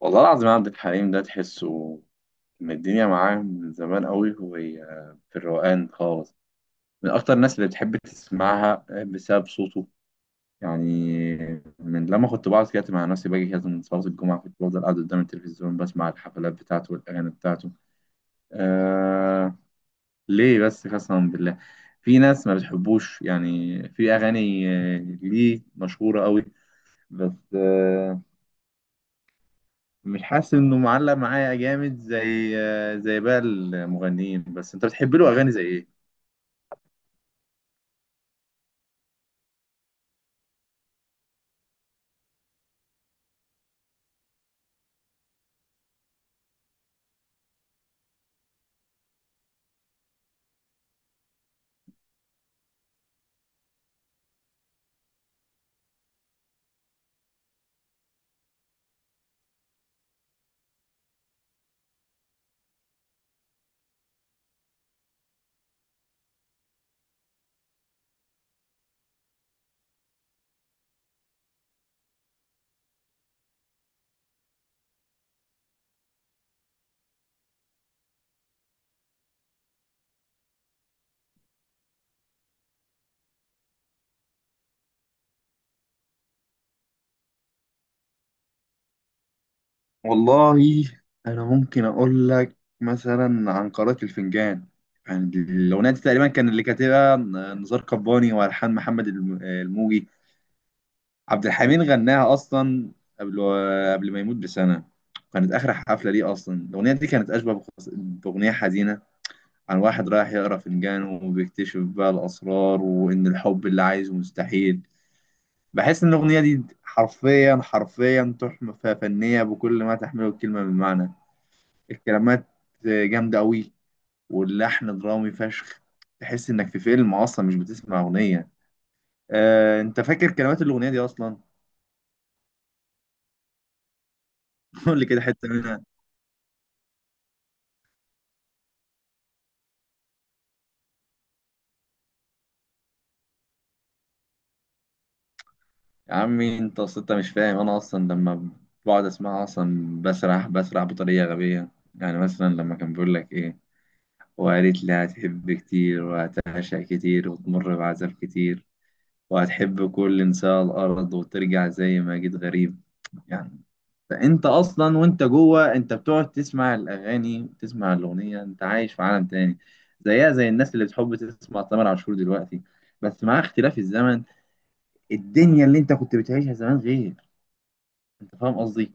والله العظيم، عبد الحليم ده تحسه من الدنيا معاه من زمان قوي. هو في الروقان خالص، من أكتر الناس اللي بتحب تسمعها بسبب صوته. يعني من لما كنت بقعد كده مع نفسي باجي كده من صلاة الجمعة، كنت بفضل قاعد قدام التلفزيون بسمع الحفلات بتاعته والأغاني بتاعته. آه ليه بس؟ قسما بالله في ناس ما بتحبوش، يعني في أغاني ليه مشهورة قوي، بس مش حاسس انه معلق معايا جامد زي بقى المغنيين. بس انت بتحب له اغاني زي ايه؟ والله انا ممكن اقول لك مثلا عن قارئة الفنجان. يعني الاغنيه دي تقريبا كان اللي كاتبها نزار قباني، والحان محمد الموجي. عبد الحميد غناها اصلا قبل قبل ما يموت بسنه، كانت اخر حفله ليه. اصلا الاغنيه دي كانت اشبه باغنيه حزينه عن واحد رايح يقرا فنجان وبيكتشف بقى الاسرار، وان الحب اللي عايزه مستحيل. بحس ان الاغنيه دي حرفيا حرفيا تحفه فنيه بكل ما تحمله الكلمه من معنى. الكلمات جامده قوي، واللحن درامي فشخ، تحس انك في فيلم اصلا مش بتسمع اغنيه. انت فاكر كلمات الاغنيه دي اصلا؟ قول لي كده حته منها. يا عمي انت اصلا، انت مش فاهم. انا اصلا لما بقعد اسمعها اصلا بسرح بسرح بطريقه غبيه. يعني مثلا لما كان بيقول لك ايه، وقالت لي هتحب كتير وهتعشق كتير وتمر بعذاب كتير، وهتحب كل نساء الأرض وترجع زي ما جيت غريب. يعني فأنت أصلا وأنت جوه، أنت بتقعد تسمع الأغاني، تسمع الأغنية أنت عايش في عالم تاني. زيها زي الناس اللي بتحب تسمع تامر عاشور دلوقتي، بس مع اختلاف الزمن. الدنيا اللي أنت كنت بتعيشها زمان غير، أنت فاهم قصدي؟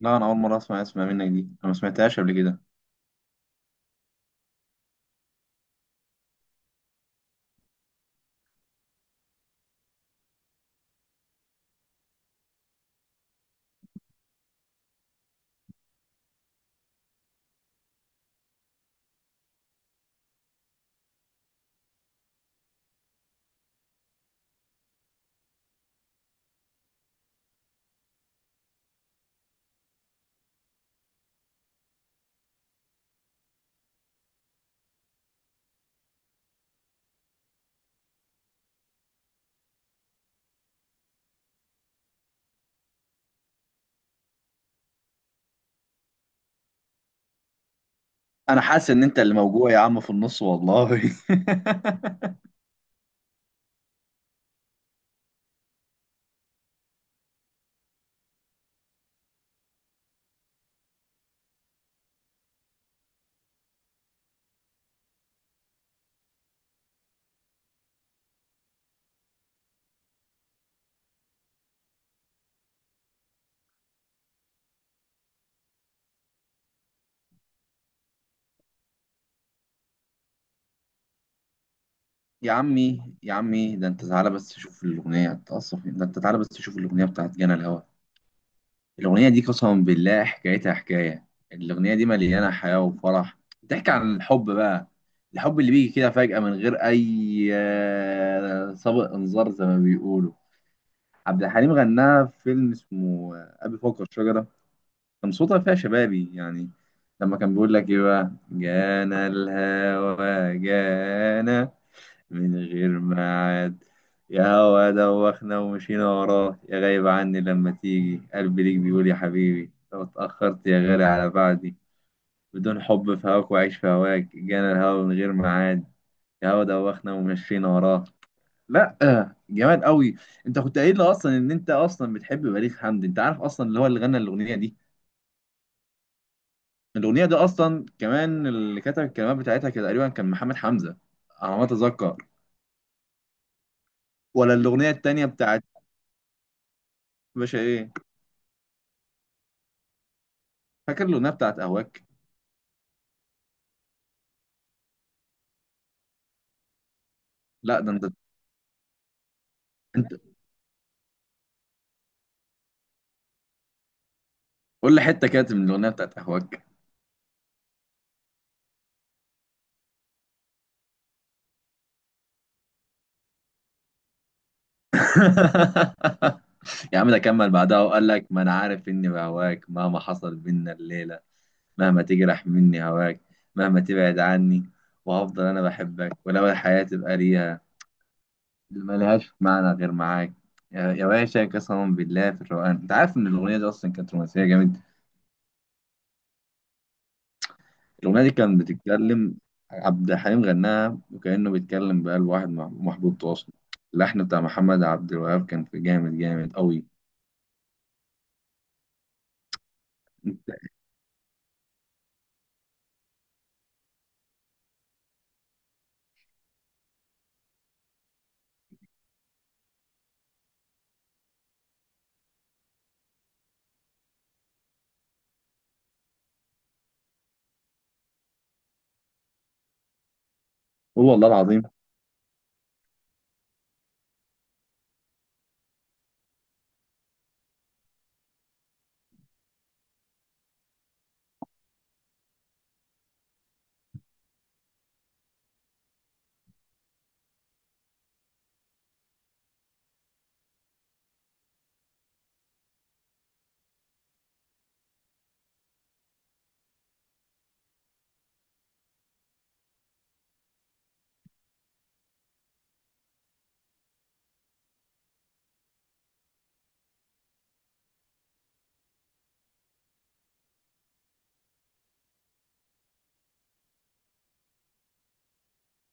لا، أنا أول مرة اسمع منك دي، أنا ما سمعتهاش قبل كده. أنا حاسس إن أنت اللي موجوع يا عم في النص، والله يا عمي يا عمي، ده أنت تعالى بس تشوف الأغنية تقصف، ده أنت تعالى بس تشوف الأغنية بتاعت جانا الهوى. الأغنية دي قسما بالله حكايتها حكاية، الأغنية دي مليانة حياة وفرح، بتحكي عن الحب بقى. الحب اللي بيجي كده فجأة من غير أي سابق إنذار زي ما بيقولوا. عبد الحليم غناها في فيلم اسمه أبي فوق الشجرة. كان صوتها فيها شبابي يعني، لما كان بيقول لك إيه بقى: جانا الهوى جانا من غير ميعاد، يا هوا دوخنا ومشينا وراه، يا غايب عني لما تيجي قلبي ليك بيقول، يا حبيبي لو اتأخرت يا غالي على بعدي بدون حب في هواك، وعيش في هواك، جانا الهوا من غير ميعاد، يا هوا دوخنا ومشينا وراه. لا، جمال قوي. انت كنت قايل لي اصلا ان انت اصلا بتحب بليغ حمدي، انت عارف اصلا اللي هو اللي غنى الاغنيه دي. الاغنيه دي اصلا كمان اللي كتب الكلمات بتاعتها كان تقريبا كان محمد حمزه، على ما اتذكر. ولا الاغنيه التانيه بتاعت باشا ايه؟ فاكر الاغنيه بتاعت اهواك؟ لا ده انت، انت قول لي حته كانت من الاغنيه بتاعت اهواك. يا عم ده كمل بعدها وقال لك: ما انا عارف اني بهواك مهما حصل بينا الليله، مهما تجرح مني هواك، مهما تبعد عني، وهفضل انا بحبك، ولو الحياة تبقى ليها ملهاش معنى غير معاك. يا باشا، قسما بالله في الروقان. انت عارف ان الاغنية دي اصلا كانت رومانسية جامد. الأغنية دي كانت بتتكلم، عبد الحليم غناها وكأنه بيتكلم بقلب واحد محبوب تواصل. اللحن بتاع محمد عبد الوهاب كان في جامد جامد قوي. انت هو والله العظيم.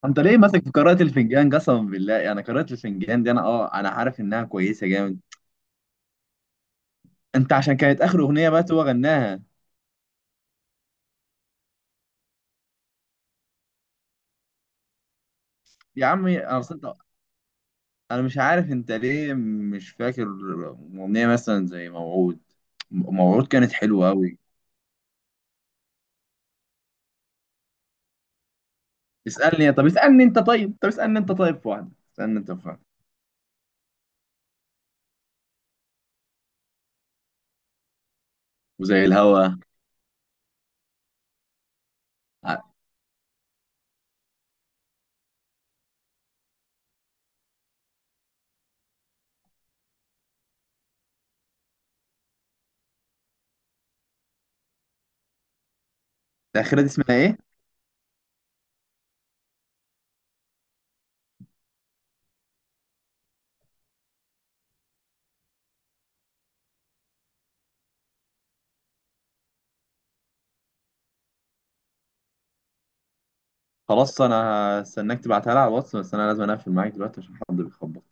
انت ليه ماسك في قراءة الفنجان؟ قسما بالله يعني قراءة الفنجان دي انا عارف انها كويسة جامد. انت عشان كانت اخر اغنية بقى هو غناها؟ يا عمي انا مش عارف انت ليه مش فاكر اغنية مثلا زي موعود. موعود كانت حلوة قوي. اسألني، طب اسألني انت، طيب طب اسألني انت، طيب في واحدة، اسألني انت في واحدة وزي الهوا. ع- الأخيرة دي اسمها إيه؟ خلاص أنا هستناك تبعتها لي على الواتس، بس أنا لازم أقفل معاك دلوقتي عشان حد بيخبط.